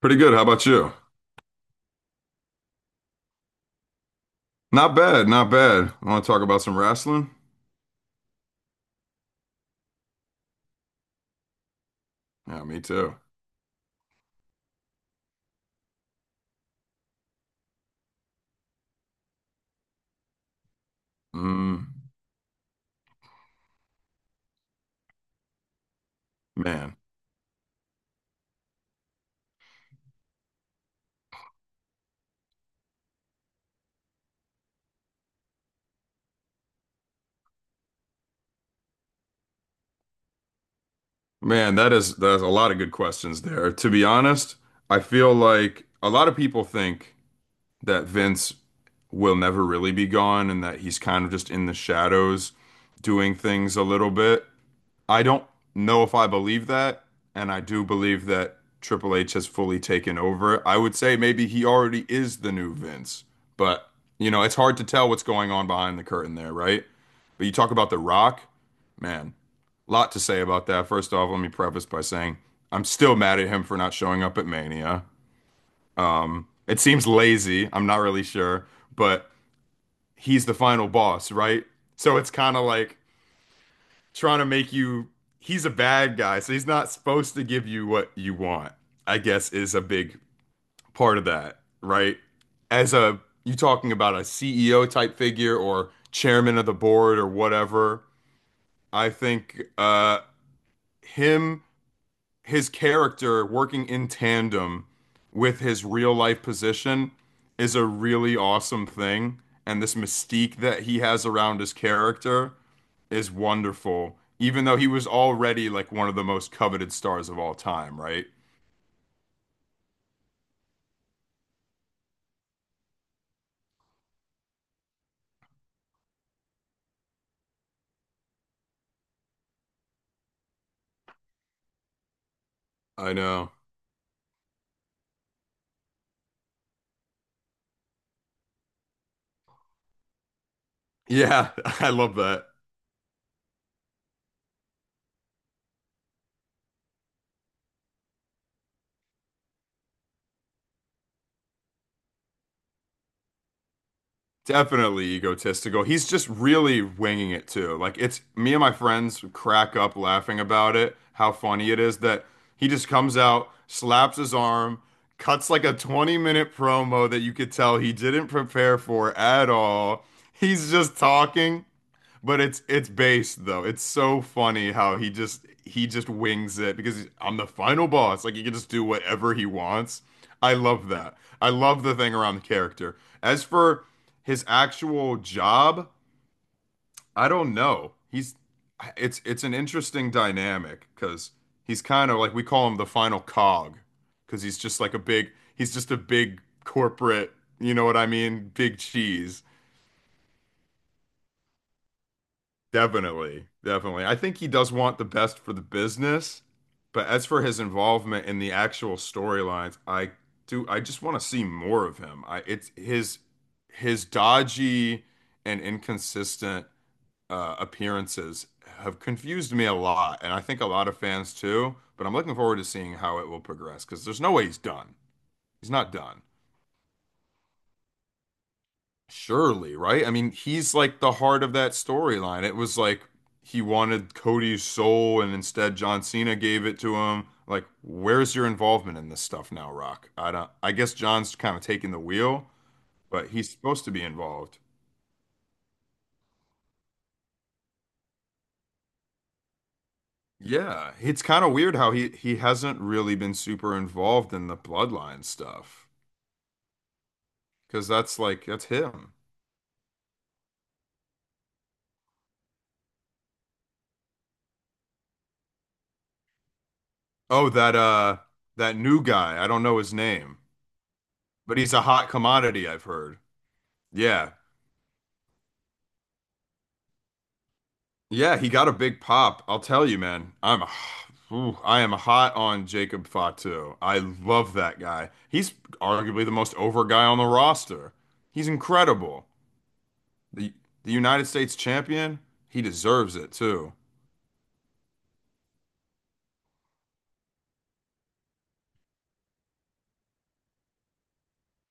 Pretty good. How about you? Not bad, not bad. Want to talk about some wrestling? Yeah, me too. Mm, man, man, that's a lot of good questions there. To be honest, I feel like a lot of people think that Vince will never really be gone and that he's kind of just in the shadows doing things a little bit. I don't know if I believe that, and I do believe that Triple H has fully taken over. I would say maybe he already is the new Vince, but you know, it's hard to tell what's going on behind the curtain there, right? But you talk about The Rock, man, a lot to say about that. First off, let me preface by saying I'm still mad at him for not showing up at Mania. It seems lazy, I'm not really sure, but he's the final boss, right? So it's kind of like trying to make you he's a bad guy, so he's not supposed to give you what you want. I guess is a big part of that, right? As a you talking about a CEO type figure or chairman of the board or whatever, I think him his character working in tandem with his real life position is a really awesome thing. And this mystique that he has around his character is wonderful, even though he was already like one of the most coveted stars of all time, right? I know. Yeah, I love that. Definitely egotistical. He's just really winging it too. Like it's me and my friends crack up laughing about it, how funny it is that he just comes out, slaps his arm, cuts like a 20-minute minute promo that you could tell he didn't prepare for at all. He's just talking but it's based though. It's so funny how he just wings it because he's- I'm the final boss. Like he can just do whatever he wants. I love that. I love the thing around the character. As for his actual job, I don't know. He's it's an interesting dynamic because he's kind of like we call him the final cog because he's just a big corporate, you know what I mean? Big cheese. Definitely, definitely. I think he does want the best for the business, but as for his involvement in the actual storylines, I just want to see more of him. I it's his dodgy and inconsistent appearances have confused me a lot, and I think a lot of fans too, but I'm looking forward to seeing how it will progress because there's no way he's done. He's not done. Surely, right? I mean, he's like the heart of that storyline. It was like he wanted Cody's soul, and instead John Cena gave it to him. Like, where's your involvement in this stuff now, Rock? I don't, I guess John's kind of taking the wheel, but he's supposed to be involved. Yeah, it's kind of weird how he hasn't really been super involved in the bloodline stuff because that's him. Oh, that that new guy, I don't know his name, but he's a hot commodity, I've heard. Yeah, yeah, he got a big pop. I'll tell you, man. I'm ooh, I am hot on Jacob Fatu. I love that guy. He's arguably the most over guy on the roster. He's incredible. The United States champion, he deserves it too.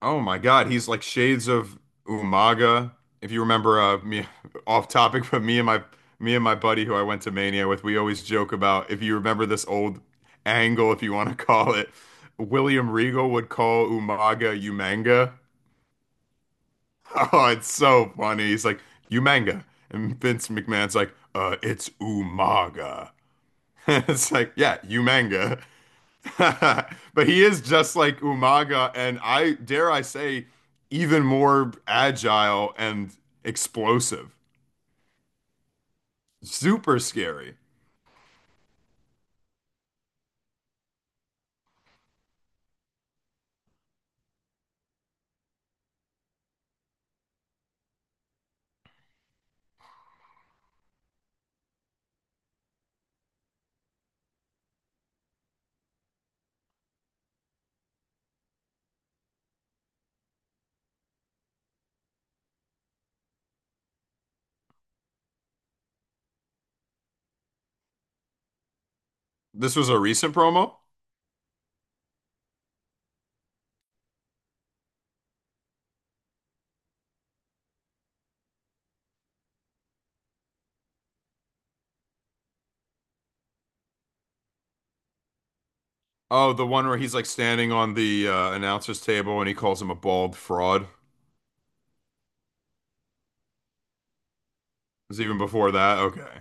Oh my God, he's like shades of Umaga. If you remember, me off topic, but me and my buddy who I went to Mania with, we always joke about if you remember this old angle, if you want to call it, William Regal would call Umaga Umanga. Oh, it's so funny. He's like Umanga, and Vince McMahon's like, it's Umaga. It's like, yeah, Umanga. But he is just like Umaga, and I dare I say, even more agile and explosive. Super scary. This was a recent promo. Oh, the one where he's like standing on the announcer's table and he calls him a bald fraud. It was even before that. Okay.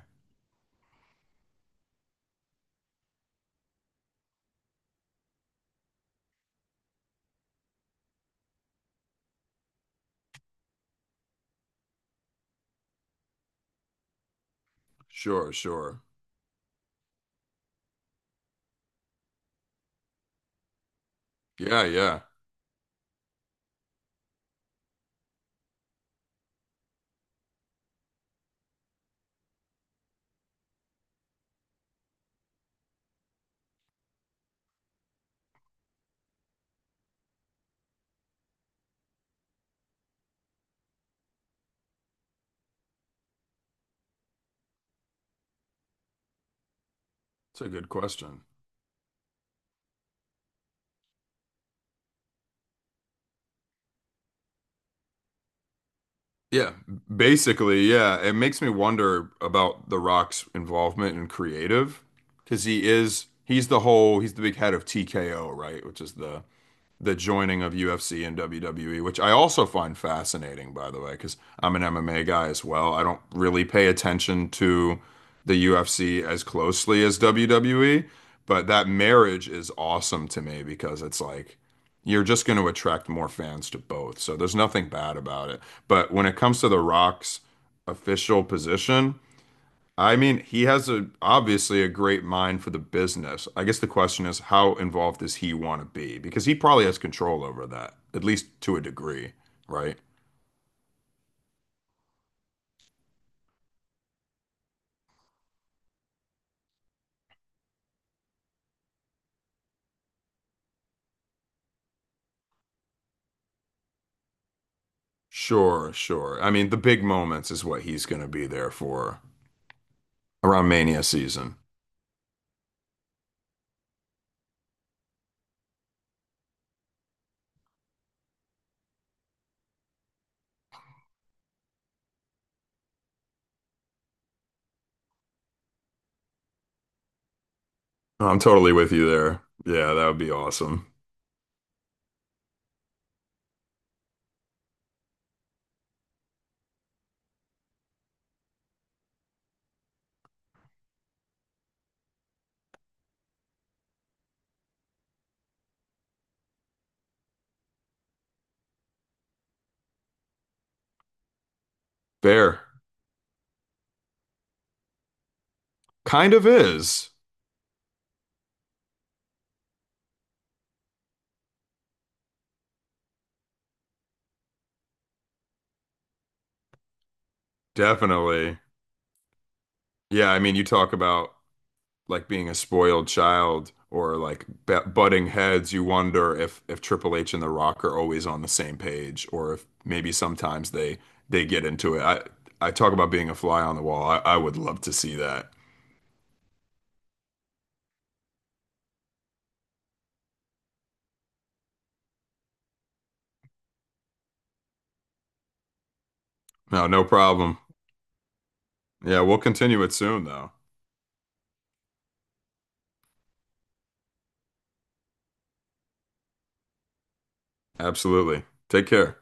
Sure, sure. Yeah, yeah. It's a good question. Yeah, basically, yeah. It makes me wonder about The Rock's involvement in creative because he's the whole he's the big head of TKO, right? Which is the joining of UFC and WWE, which I also find fascinating, by the way, because I'm an MMA guy as well. I don't really pay attention to the UFC as closely as WWE, but that marriage is awesome to me because it's like you're just going to attract more fans to both. So there's nothing bad about it. But when it comes to The Rock's official position, I mean, he has a obviously a great mind for the business. I guess the question is, how involved does he want to be? Because he probably has control over that, at least to a degree, right? Sure, sure. I mean, the big moments is what he's going to be there for around Mania season. I'm totally with you there. Yeah, that would be awesome. Fair. Kind of is. Definitely. Yeah, I mean, you talk about like being a spoiled child or like b butting heads, you wonder if Triple H and The Rock are always on the same page, or if maybe sometimes they get into it. I talk about being a fly on the wall. I would love to see that. No, no problem. Yeah, we'll continue it soon though. Absolutely. Take care.